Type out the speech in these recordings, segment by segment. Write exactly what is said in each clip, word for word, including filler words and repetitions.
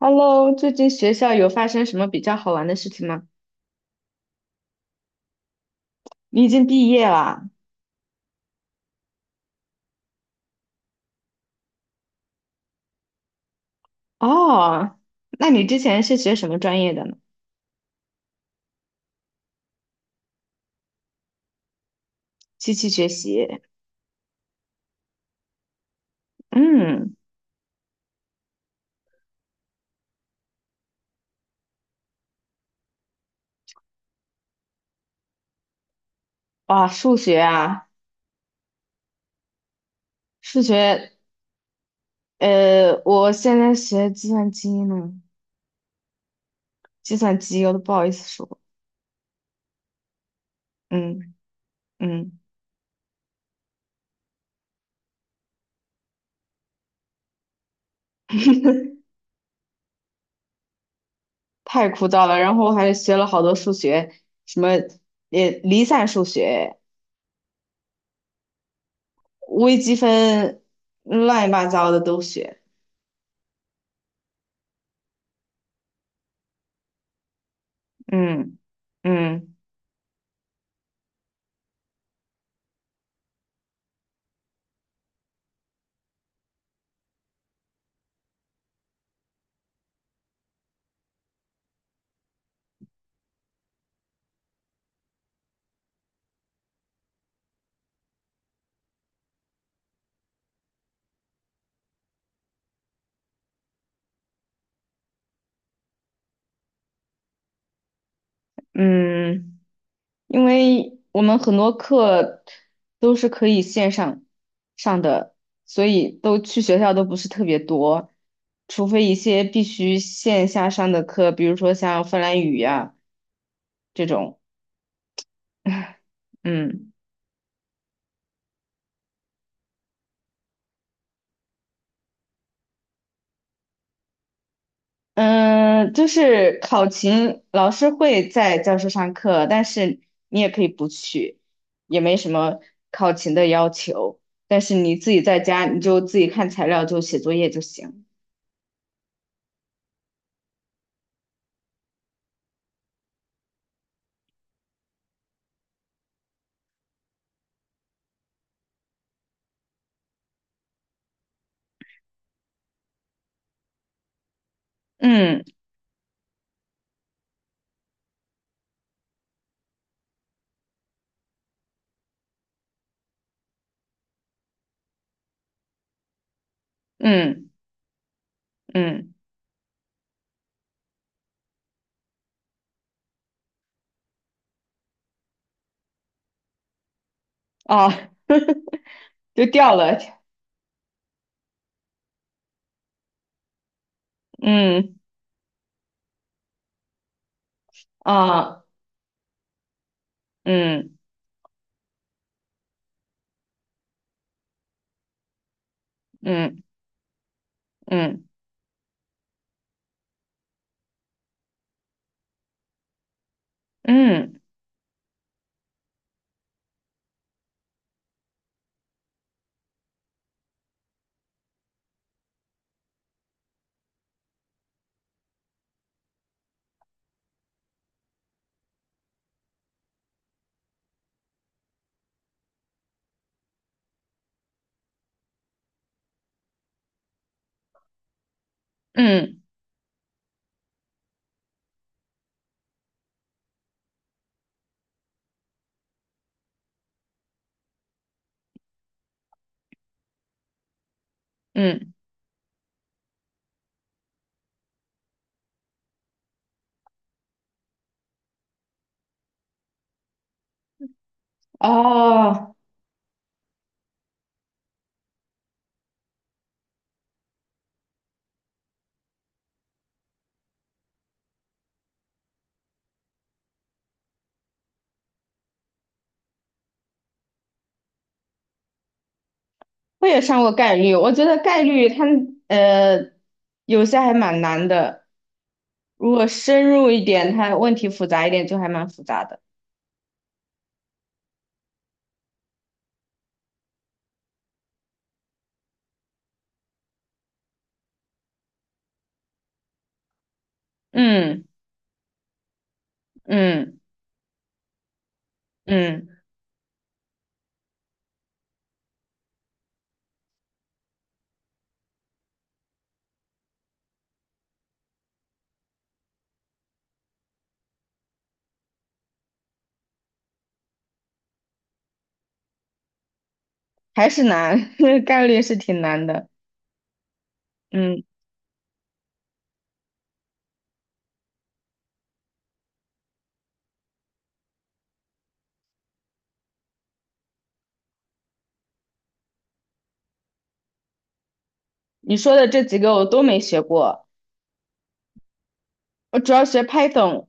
Hello，最近学校有发生什么比较好玩的事情吗？你已经毕业了哦，那你之前是学什么专业的呢？机器学习。嗯，哇，数学啊，数学，呃，我现在学计算机呢，计算机我都不好意思说。嗯嗯。太枯燥了。然后我还学了好多数学，什么也离散数学、微积分，乱七八糟的都学。嗯嗯。嗯，因为我们很多课都是可以线上上的，所以都去学校都不是特别多，除非一些必须线下上的课，比如说像芬兰语呀、这种。嗯嗯。就是考勤，老师会在教室上课，但是你也可以不去，也没什么考勤的要求。但是你自己在家，你就自己看材料，就写作业就行。嗯嗯。嗯，啊，就掉了。嗯，啊，嗯嗯嗯嗯嗯嗯。哦，我也上过概率，我觉得概率它呃有些还蛮难的，如果深入一点，它问题复杂一点，就还蛮复杂的。嗯嗯嗯。还是难，概率是挺难的。嗯。你说的这几个我都没学过，我主要学 Python，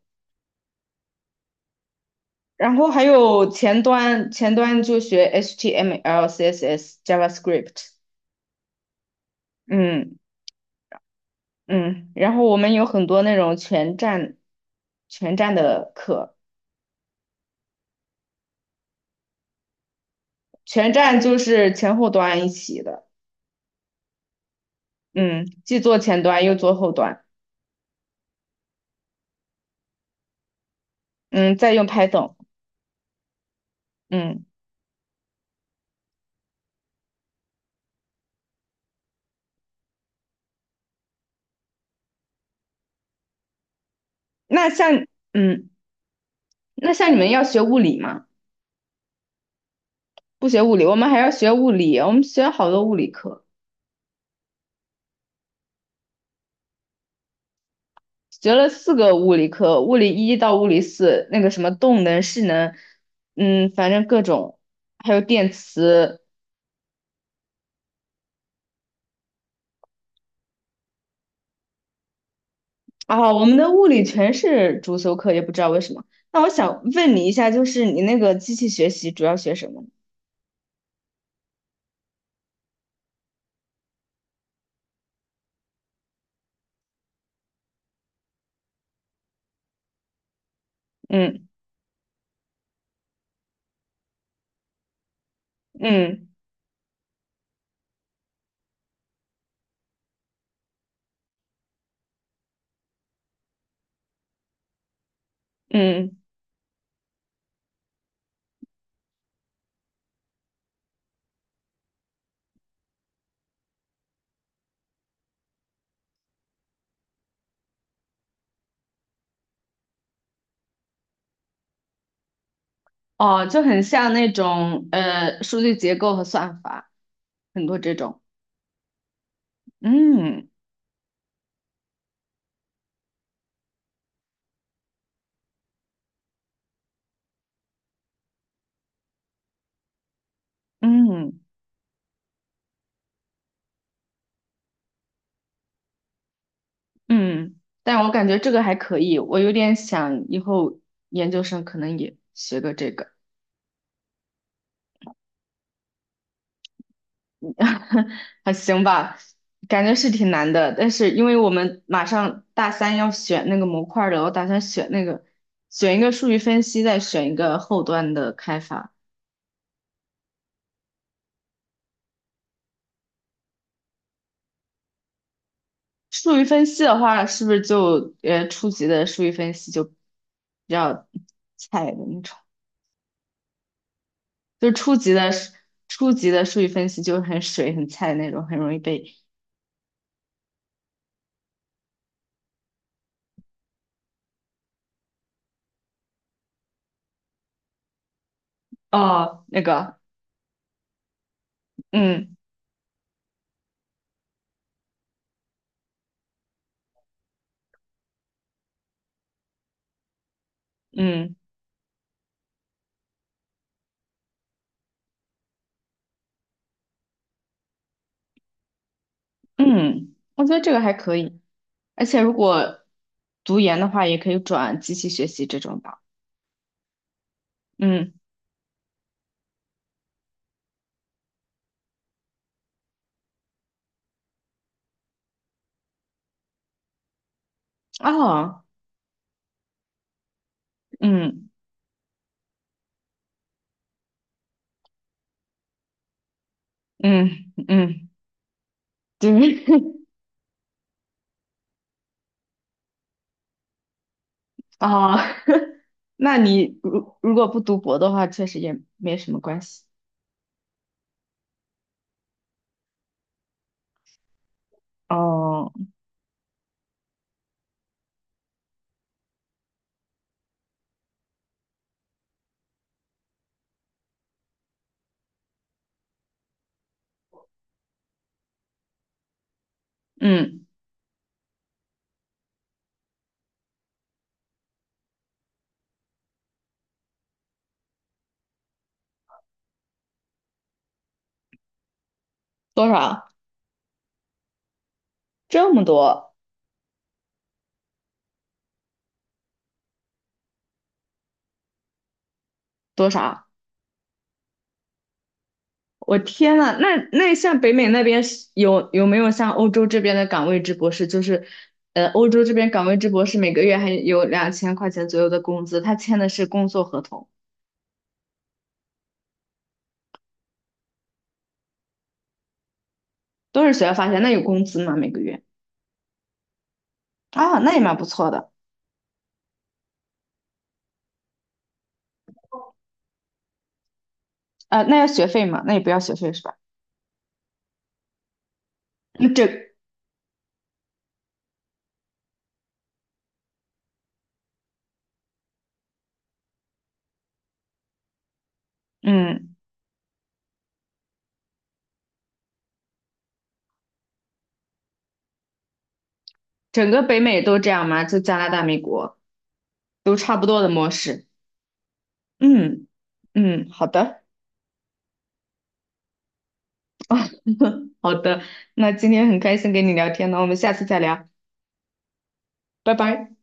然后还有前端，前端就学 H T M L、C S S、JavaScript。嗯嗯。然后我们有很多那种全站全站的课，全站就是前后端一起的。嗯。既做前端又做后端。嗯。再用 Python。嗯。那像嗯，那像你们要学物理吗？不学物理，我们还要学物理，我们学好多物理课。学了四个物理课，物理一到物理四，那个什么动能、势能，嗯，反正各种，还有电磁啊，我们的物理全是主修课，也不知道为什么。那我想问你一下，就是你那个机器学习主要学什么呢？嗯嗯嗯。哦，就很像那种呃数据结构和算法，很多这种。嗯嗯嗯。但我感觉这个还可以，我有点想以后研究生可能也学个这个。还行吧，感觉是挺难的。但是因为我们马上大三要选那个模块儿了，我打算选那个，选一个数据分析，再选一个后端的开发。数据分析的话，是不是就呃初级的数据分析就比较菜的那种？就是初级的初级的数据分析就很水很菜的那种，很容易被哦，那个嗯嗯。嗯，我觉得这个还可以，而且如果读研的话，也可以转机器学习这种吧。嗯。哦。嗯嗯嗯。对。哦。那你如如果不读博的话，确实也没什么关系。哦。嗯。多少？这么多。多少？我天呐，那那像北美那边是有有没有像欧洲这边的岗位制博士？就是，呃，欧洲这边岗位制博士每个月还有两千块钱左右的工资，他签的是工作合同，都是学校发钱，那有工资吗？每个月？啊，那也蛮不错的。呃，那要学费吗？那也不要学费是吧？那整，嗯，整个北美都这样吗？就加拿大、美国都差不多的模式。嗯嗯。好的。好的，那今天很开心跟你聊天呢，我们下次再聊。拜拜。